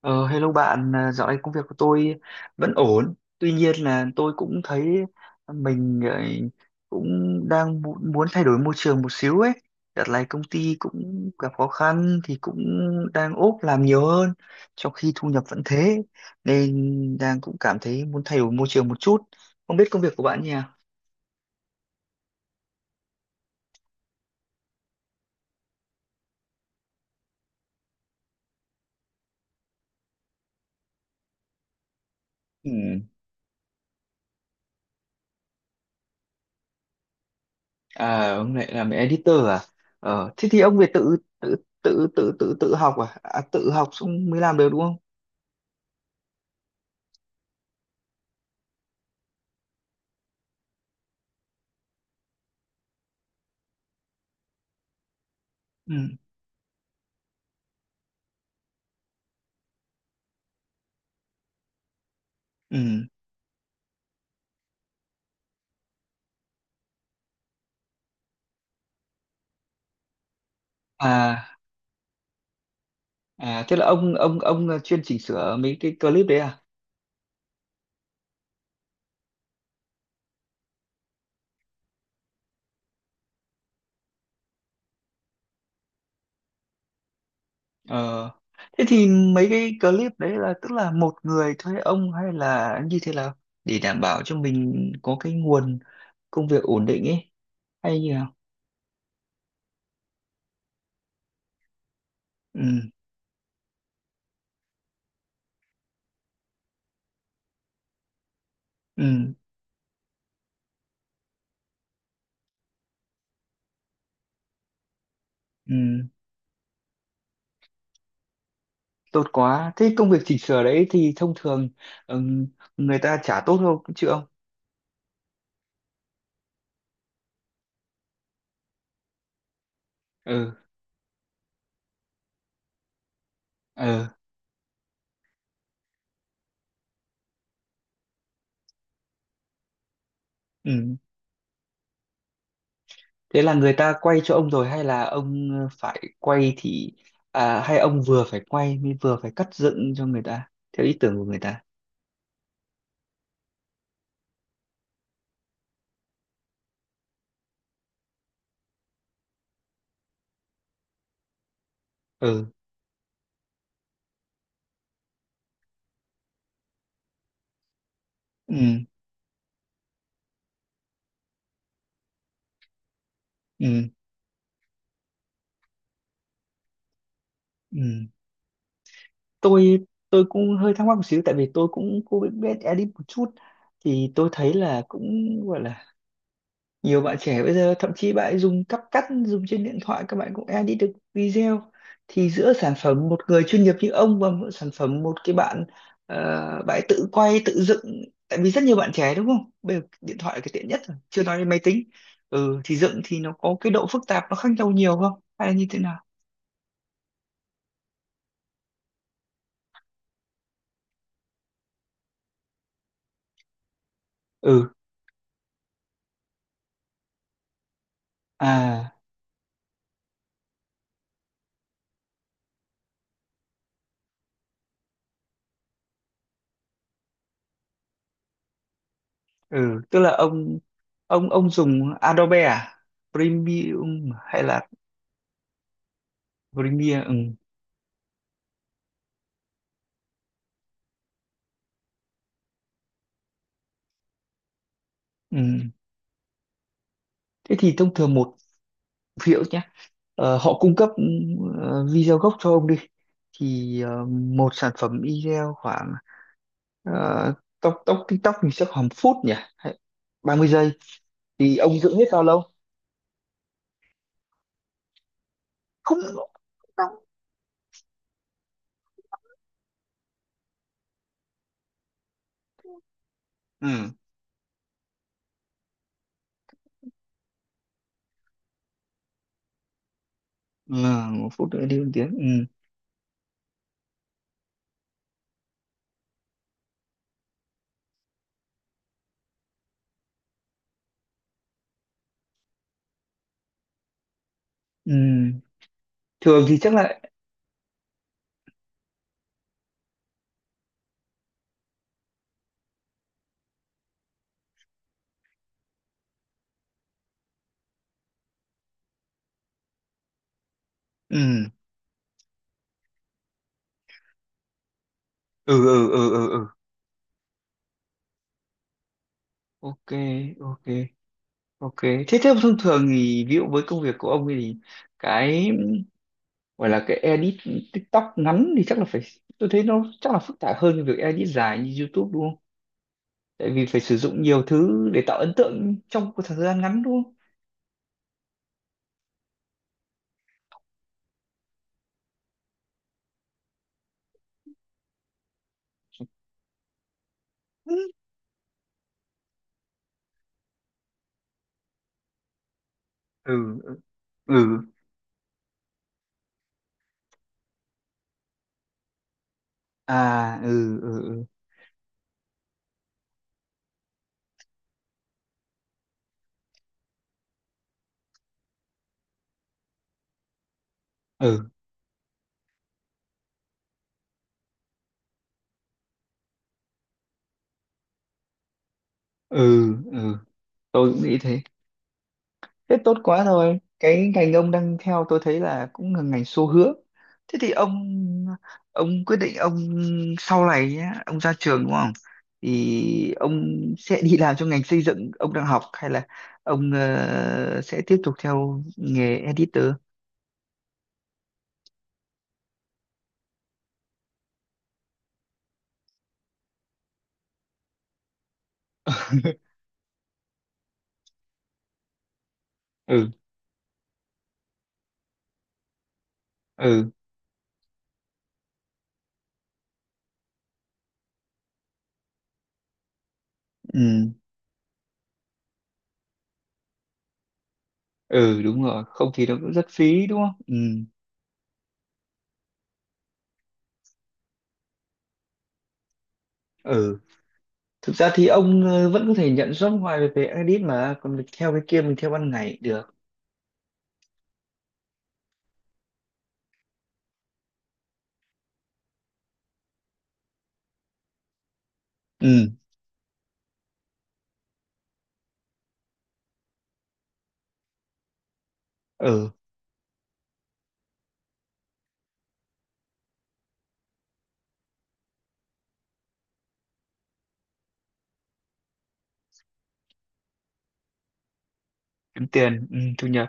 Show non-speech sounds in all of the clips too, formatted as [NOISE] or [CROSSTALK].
Ờ, hello bạn, à, dạo này công việc của tôi vẫn ổn. Tuy nhiên là tôi cũng thấy mình cũng đang muốn thay đổi môi trường một xíu ấy. Đợt này công ty cũng gặp khó khăn thì cũng đang ốp làm nhiều hơn, trong khi thu nhập vẫn thế. Nên đang cũng cảm thấy muốn thay đổi môi trường một chút. Không biết công việc của bạn nhỉ? Ừ. À, ông lại làm editor à? Ờ, thế thì ông về tự tự tự tự tự tự học à? À, tự học xong mới làm được đúng không? Ừ. Ừ. À, thế là ông là chuyên chỉnh sửa mấy cái clip đấy à? Ờ. Thế thì mấy cái clip đấy là tức là một người thuê ông hay là như thế nào để đảm bảo cho mình có cái nguồn công việc ổn định ấy hay như nào? Ừ, ừ, ừ, tốt quá. Thế công việc chỉnh sửa đấy thì thông thường, ừ, người ta trả tốt không chứ ông? Ừ, ừ, ừ. Thế là người ta quay cho ông rồi hay là ông phải quay thì, à, hay ông vừa phải quay mới vừa phải cắt dựng cho người ta theo ý tưởng của người ta. Ừ. Ừ. Ừ. Ừ. Tôi cũng hơi thắc mắc một xíu tại vì tôi cũng cũng biết edit một chút thì tôi thấy là cũng gọi là nhiều bạn trẻ bây giờ thậm chí bạn ấy dùng cắt dùng trên điện thoại các bạn cũng edit được video thì giữa sản phẩm một người chuyên nghiệp như ông và một sản phẩm một cái bạn, ờ, bạn ấy tự quay tự dựng tại vì rất nhiều bạn trẻ đúng không bây giờ điện thoại là cái tiện nhất rồi chưa nói đến máy tính, ừ, thì dựng thì nó có cái độ phức tạp nó khác nhau nhiều không hay là như thế nào, ừ, à, ừ, tức là ông dùng Adobe à, Premium hay là Premiere, ừ. Ừ. Thế thì thông thường một ví dụ nhé, họ cung cấp, video gốc cho ông đi thì, một sản phẩm video khoảng, ờ, tóc tóc TikTok thì sẽ khoảng một phút nhỉ hay 30 giây thì ông dựng hết bao lâu, không, không, ừ. Ừ, một phút nữa đi một tiếng, ừ. Ừ, thường thì chắc là, ừ, ừ, ừ, ừ, ừ, ừ. OK, ok, ok, thế thế thông thường thì ví dụ với công việc của ông ấy thì cái gọi là cái edit TikTok ngắn thì chắc là phải tôi thấy nó chắc là phức tạp hơn cái việc edit dài như YouTube đúng không? Tại vì phải sử dụng nhiều thứ để tạo ấn tượng trong một thời gian ngắn đúng không? Ừ, ừ, ừ. À, ừ, ừ, ừ, ừ, ừ, ừ. Tôi cũng nghĩ thế. Thế tốt quá rồi. Cái ngành ông đang theo tôi thấy là cũng là ngành xu hướng. Thế thì ông quyết định ông sau này nhé, ông ra trường đúng không? Thì ông sẽ đi làm trong ngành xây dựng ông đang học hay là ông, sẽ tiếp tục theo nghề editor? [LAUGHS] Ừ, ừ, ừ, ừ, đúng rồi, không thì nó cũng rất phí đúng không? Ừ, ừ. Thực ra thì ông, vẫn có thể nhận job ngoài về edit mà còn theo cái kia mình theo ban ngày được. Ừ, ừ. Kiếm tiền, ừ, thu nhập.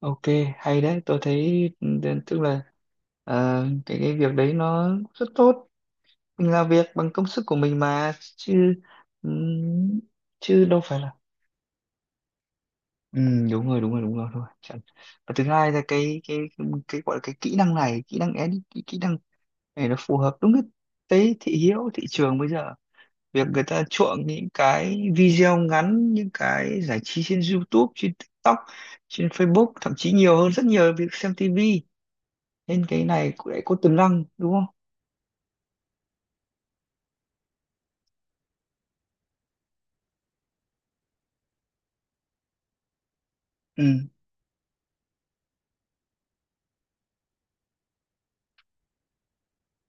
OK, hay đấy tôi thấy, ừ, tức là, cái việc đấy nó rất tốt, mình làm việc bằng công sức của mình mà chứ, ừ, chứ đâu phải là, ừ, đúng rồi, đúng rồi, đúng rồi, thôi chẳng. Và thứ hai là cái gọi là cái kỹ năng này, kỹ năng edit, kỹ kỹ năng này nó phù hợp đúng cái thị hiếu thị trường bây giờ việc người ta chuộng những cái video ngắn những cái giải trí trên YouTube trên TikTok trên Facebook thậm chí nhiều hơn rất nhiều việc xem TV nên cái này cũng lại có tiềm năng đúng không, ừ.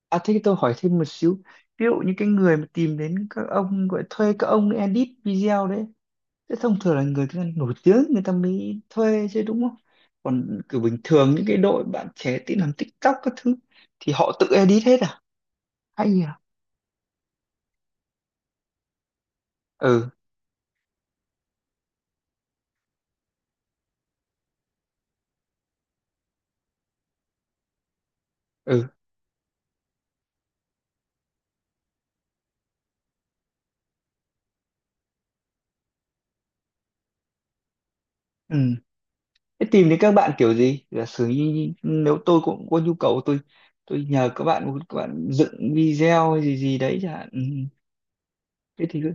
À, thế tôi hỏi thêm một xíu, ví dụ như cái người mà tìm đến các ông gọi thuê các ông edit video đấy thế thông thường là người ta nổi tiếng người ta mới thuê chứ đúng không, còn kiểu bình thường những cái đội bạn trẻ tí làm TikTok các thứ thì họ tự edit hết à, hay à, ừ, ừ, ừ. Thế tìm đến các bạn kiểu gì? Giả sử như nếu tôi cũng có nhu cầu tôi nhờ các bạn dựng video hay gì gì đấy chẳng hạn. Ừ. Thế thì cứ,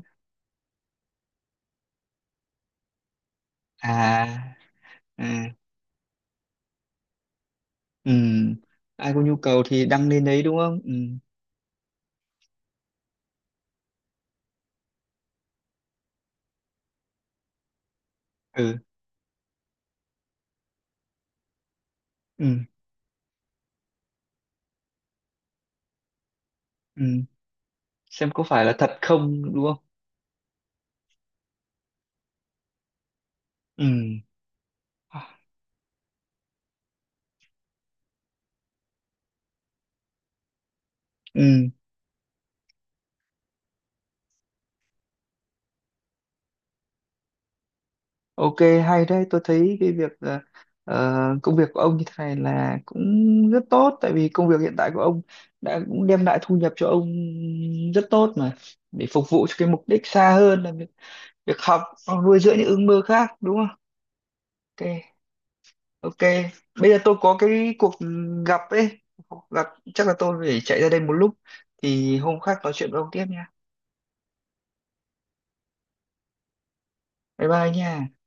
à, à, ừ. Ai có nhu cầu thì đăng lên đấy đúng không? Ừ. Ừ. Ừ. Ừ. Xem có phải là thật không đúng không? Ừ. Ừ. OK, hay đấy tôi thấy cái việc, ờ, công việc của ông như thế này là cũng rất tốt tại vì công việc hiện tại của ông đã cũng đem lại thu nhập cho ông rất tốt mà để phục vụ cho cái mục đích xa hơn là việc học hoặc nuôi dưỡng những ước mơ khác đúng không? OK, ok, bây giờ tôi có cái cuộc gặp ấy, cuộc gặp chắc là tôi phải chạy ra đây một lúc thì hôm khác nói chuyện với ông tiếp nha, bye bye nha